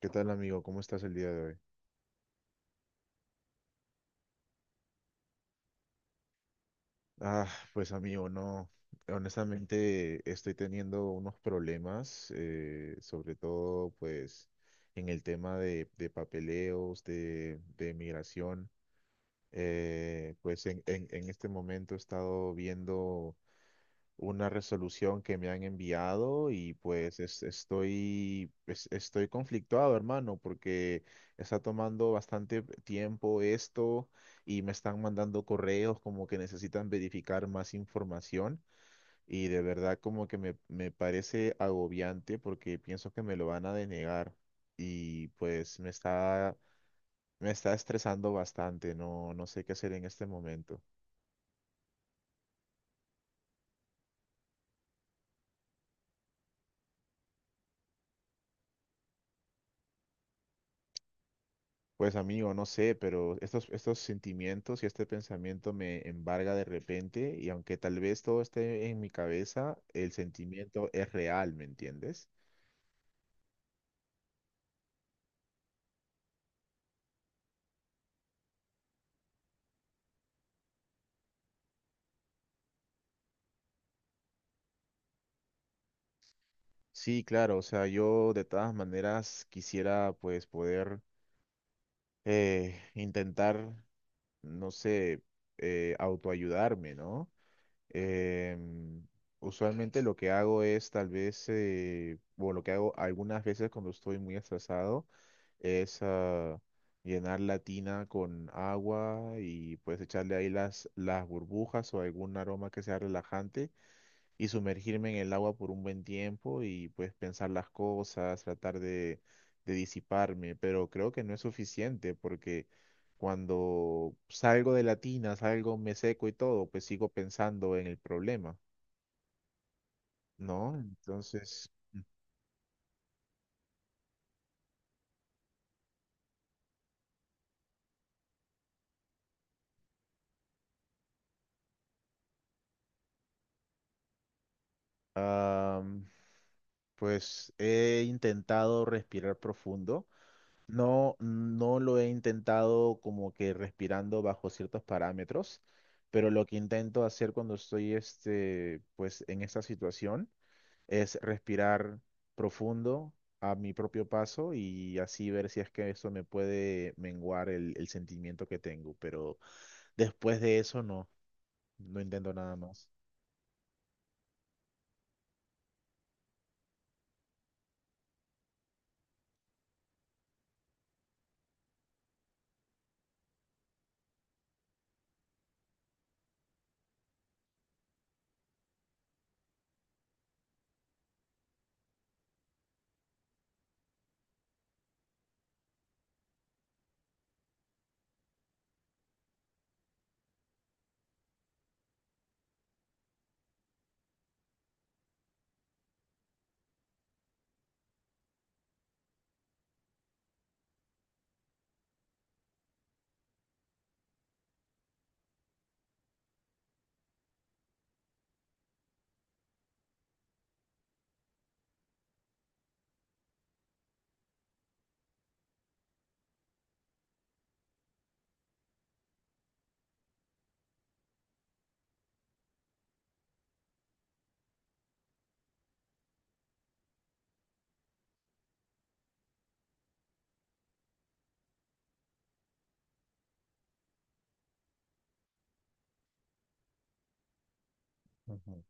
¿Qué tal, amigo? ¿Cómo estás el día de hoy? Ah, pues amigo, no. Honestamente, estoy teniendo unos problemas, sobre todo, pues, en el tema de papeleos, de migración. En este momento he estado viendo una resolución que me han enviado y pues estoy, estoy conflictuado, hermano, porque está tomando bastante tiempo esto y me están mandando correos como que necesitan verificar más información y de verdad como que me parece agobiante porque pienso que me lo van a denegar y pues me está estresando bastante, no, no sé qué hacer en este momento. Pues amigo, no sé, pero estos sentimientos y este pensamiento me embarga de repente y aunque tal vez todo esté en mi cabeza, el sentimiento es real, ¿me entiendes? Sí, claro, o sea, yo de todas maneras quisiera pues poder intentar, no sé, autoayudarme, ¿no? Em, Usualmente lo que hago es tal vez, o lo que hago algunas veces cuando estoy muy estresado, es llenar la tina con agua y pues echarle ahí las burbujas o algún aroma que sea relajante y sumergirme en el agua por un buen tiempo y pues pensar las cosas, tratar de disiparme, pero creo que no es suficiente porque cuando salgo de la tina, salgo, me seco y todo, pues sigo pensando en el problema, ¿no? Entonces, ah, pues he intentado respirar profundo. No, no lo he intentado como que respirando bajo ciertos parámetros, pero lo que intento hacer cuando estoy este, pues en esta situación es respirar profundo a mi propio paso y así ver si es que eso me puede menguar el sentimiento que tengo, pero después de eso no, no intento nada más. Ujú.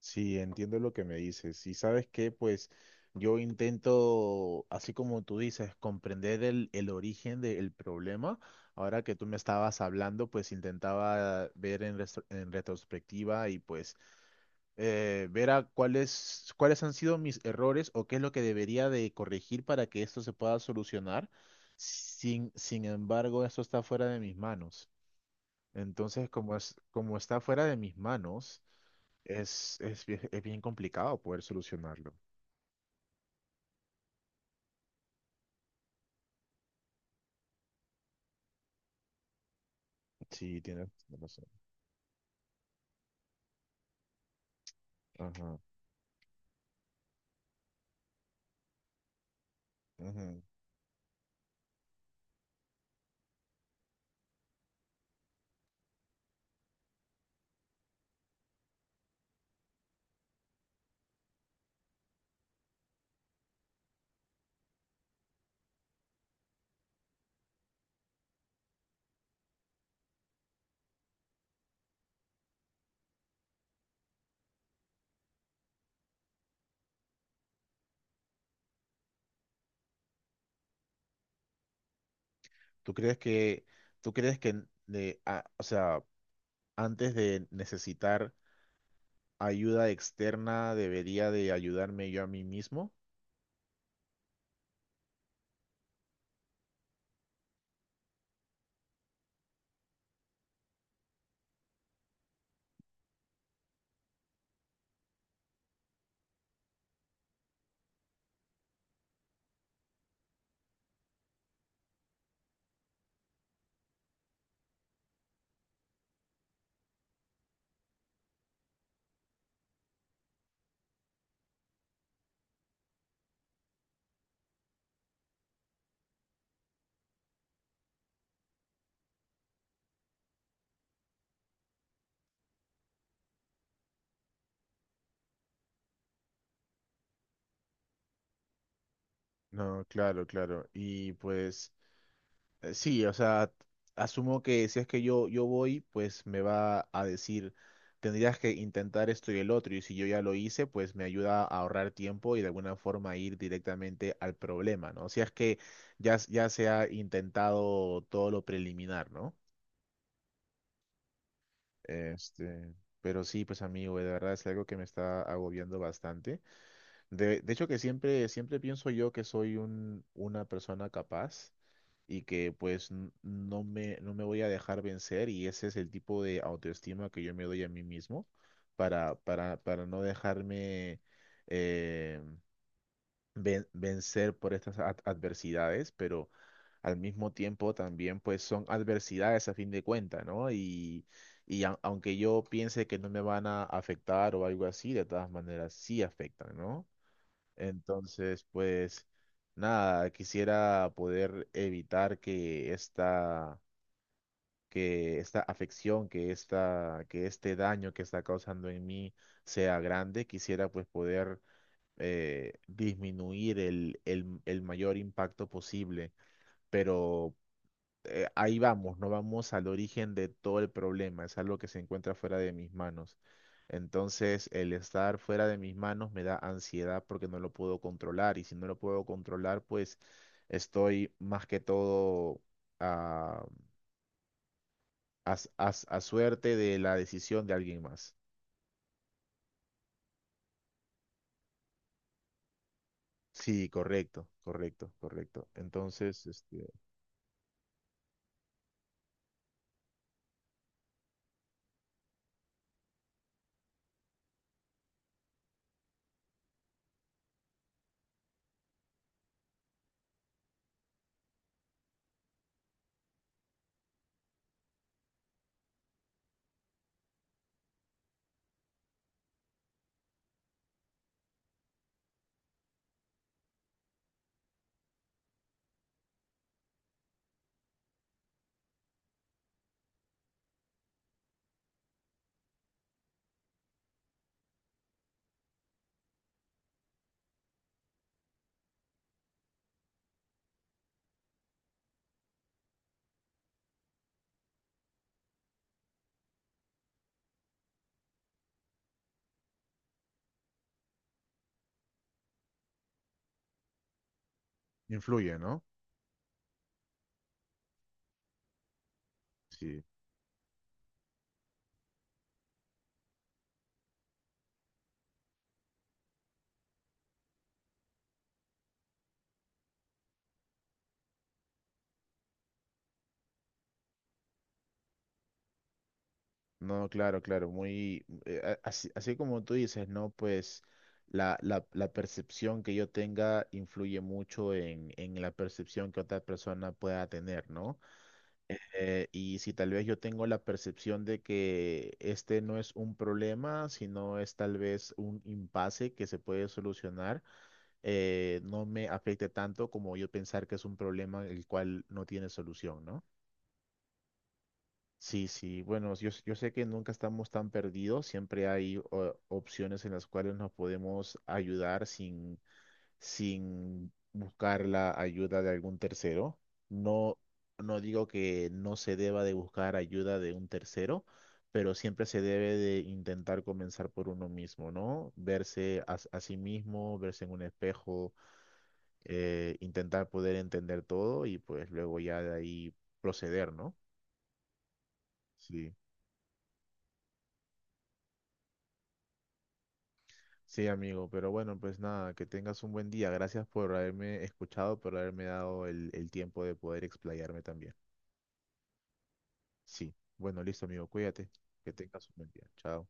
Sí, entiendo lo que me dices. Y sabes que, pues, yo intento, así como tú dices, comprender el origen del problema. Ahora que tú me estabas hablando, pues intentaba ver en, en retrospectiva y pues ver a cuáles, cuáles han sido mis errores o qué es lo que debería de corregir para que esto se pueda solucionar. Sin embargo, esto está fuera de mis manos. Entonces, como es, como está fuera de mis manos es bien complicado poder solucionarlo. Sí, tienes razón. Ajá. Ujú. ¿Tú crees que, tú crees que de, o sea, antes de necesitar ayuda externa, debería de ayudarme yo a mí mismo? No, claro, claro. Y pues, sí, o sea, asumo que si es que yo voy, pues me va a decir, tendrías que intentar esto y el otro, y si yo ya lo hice, pues me ayuda a ahorrar tiempo y de alguna forma ir directamente al problema, ¿no? Si es que ya, ya se ha intentado todo lo preliminar, ¿no? Este, pero sí, pues amigo, de verdad es algo que me está agobiando bastante. De hecho que siempre, siempre pienso yo que soy una persona capaz y que pues no me, no me voy a dejar vencer y ese es el tipo de autoestima que yo me doy a mí mismo para no dejarme eh, vencer por estas adversidades, pero al mismo tiempo también pues son adversidades a fin de cuentas, ¿no? Y aunque yo piense que no me van a afectar o algo así, de todas maneras sí afectan, ¿no? Entonces, pues nada, quisiera poder evitar que esta afección, que esta, que este daño que está causando en mí sea grande. Quisiera pues poder disminuir el mayor impacto posible, pero ahí vamos, no vamos al origen de todo el problema, es algo que se encuentra fuera de mis manos. Entonces, el estar fuera de mis manos me da ansiedad porque no lo puedo controlar y si no lo puedo controlar, pues estoy más que todo a, a suerte de la decisión de alguien más. Sí, correcto, correcto, correcto. Entonces, este, influye, ¿no? Sí. No, claro, claro, muy, así, así como tú dices, ¿no? Pues la percepción que yo tenga influye mucho en la percepción que otra persona pueda tener, ¿no? Y si tal vez yo tengo la percepción de que este no es un problema, sino es tal vez un impasse que se puede solucionar, no me afecte tanto como yo pensar que es un problema el cual no tiene solución, ¿no? Sí, sí, bueno, yo, yo sé que nunca estamos tan perdidos, siempre hay opciones en las cuales nos podemos ayudar sin, sin buscar la ayuda de algún tercero. No, no digo que no se deba de buscar ayuda de un tercero, pero siempre se debe de intentar comenzar por uno mismo, ¿no? Verse a, a sí mismo, verse en un espejo, intentar poder entender todo y pues luego ya de ahí proceder, ¿no? Sí. Sí, amigo, pero bueno, pues nada, que tengas un buen día. Gracias por haberme escuchado, por haberme dado el tiempo de poder explayarme también. Sí, bueno, listo, amigo, cuídate, que tengas un buen día. Chao.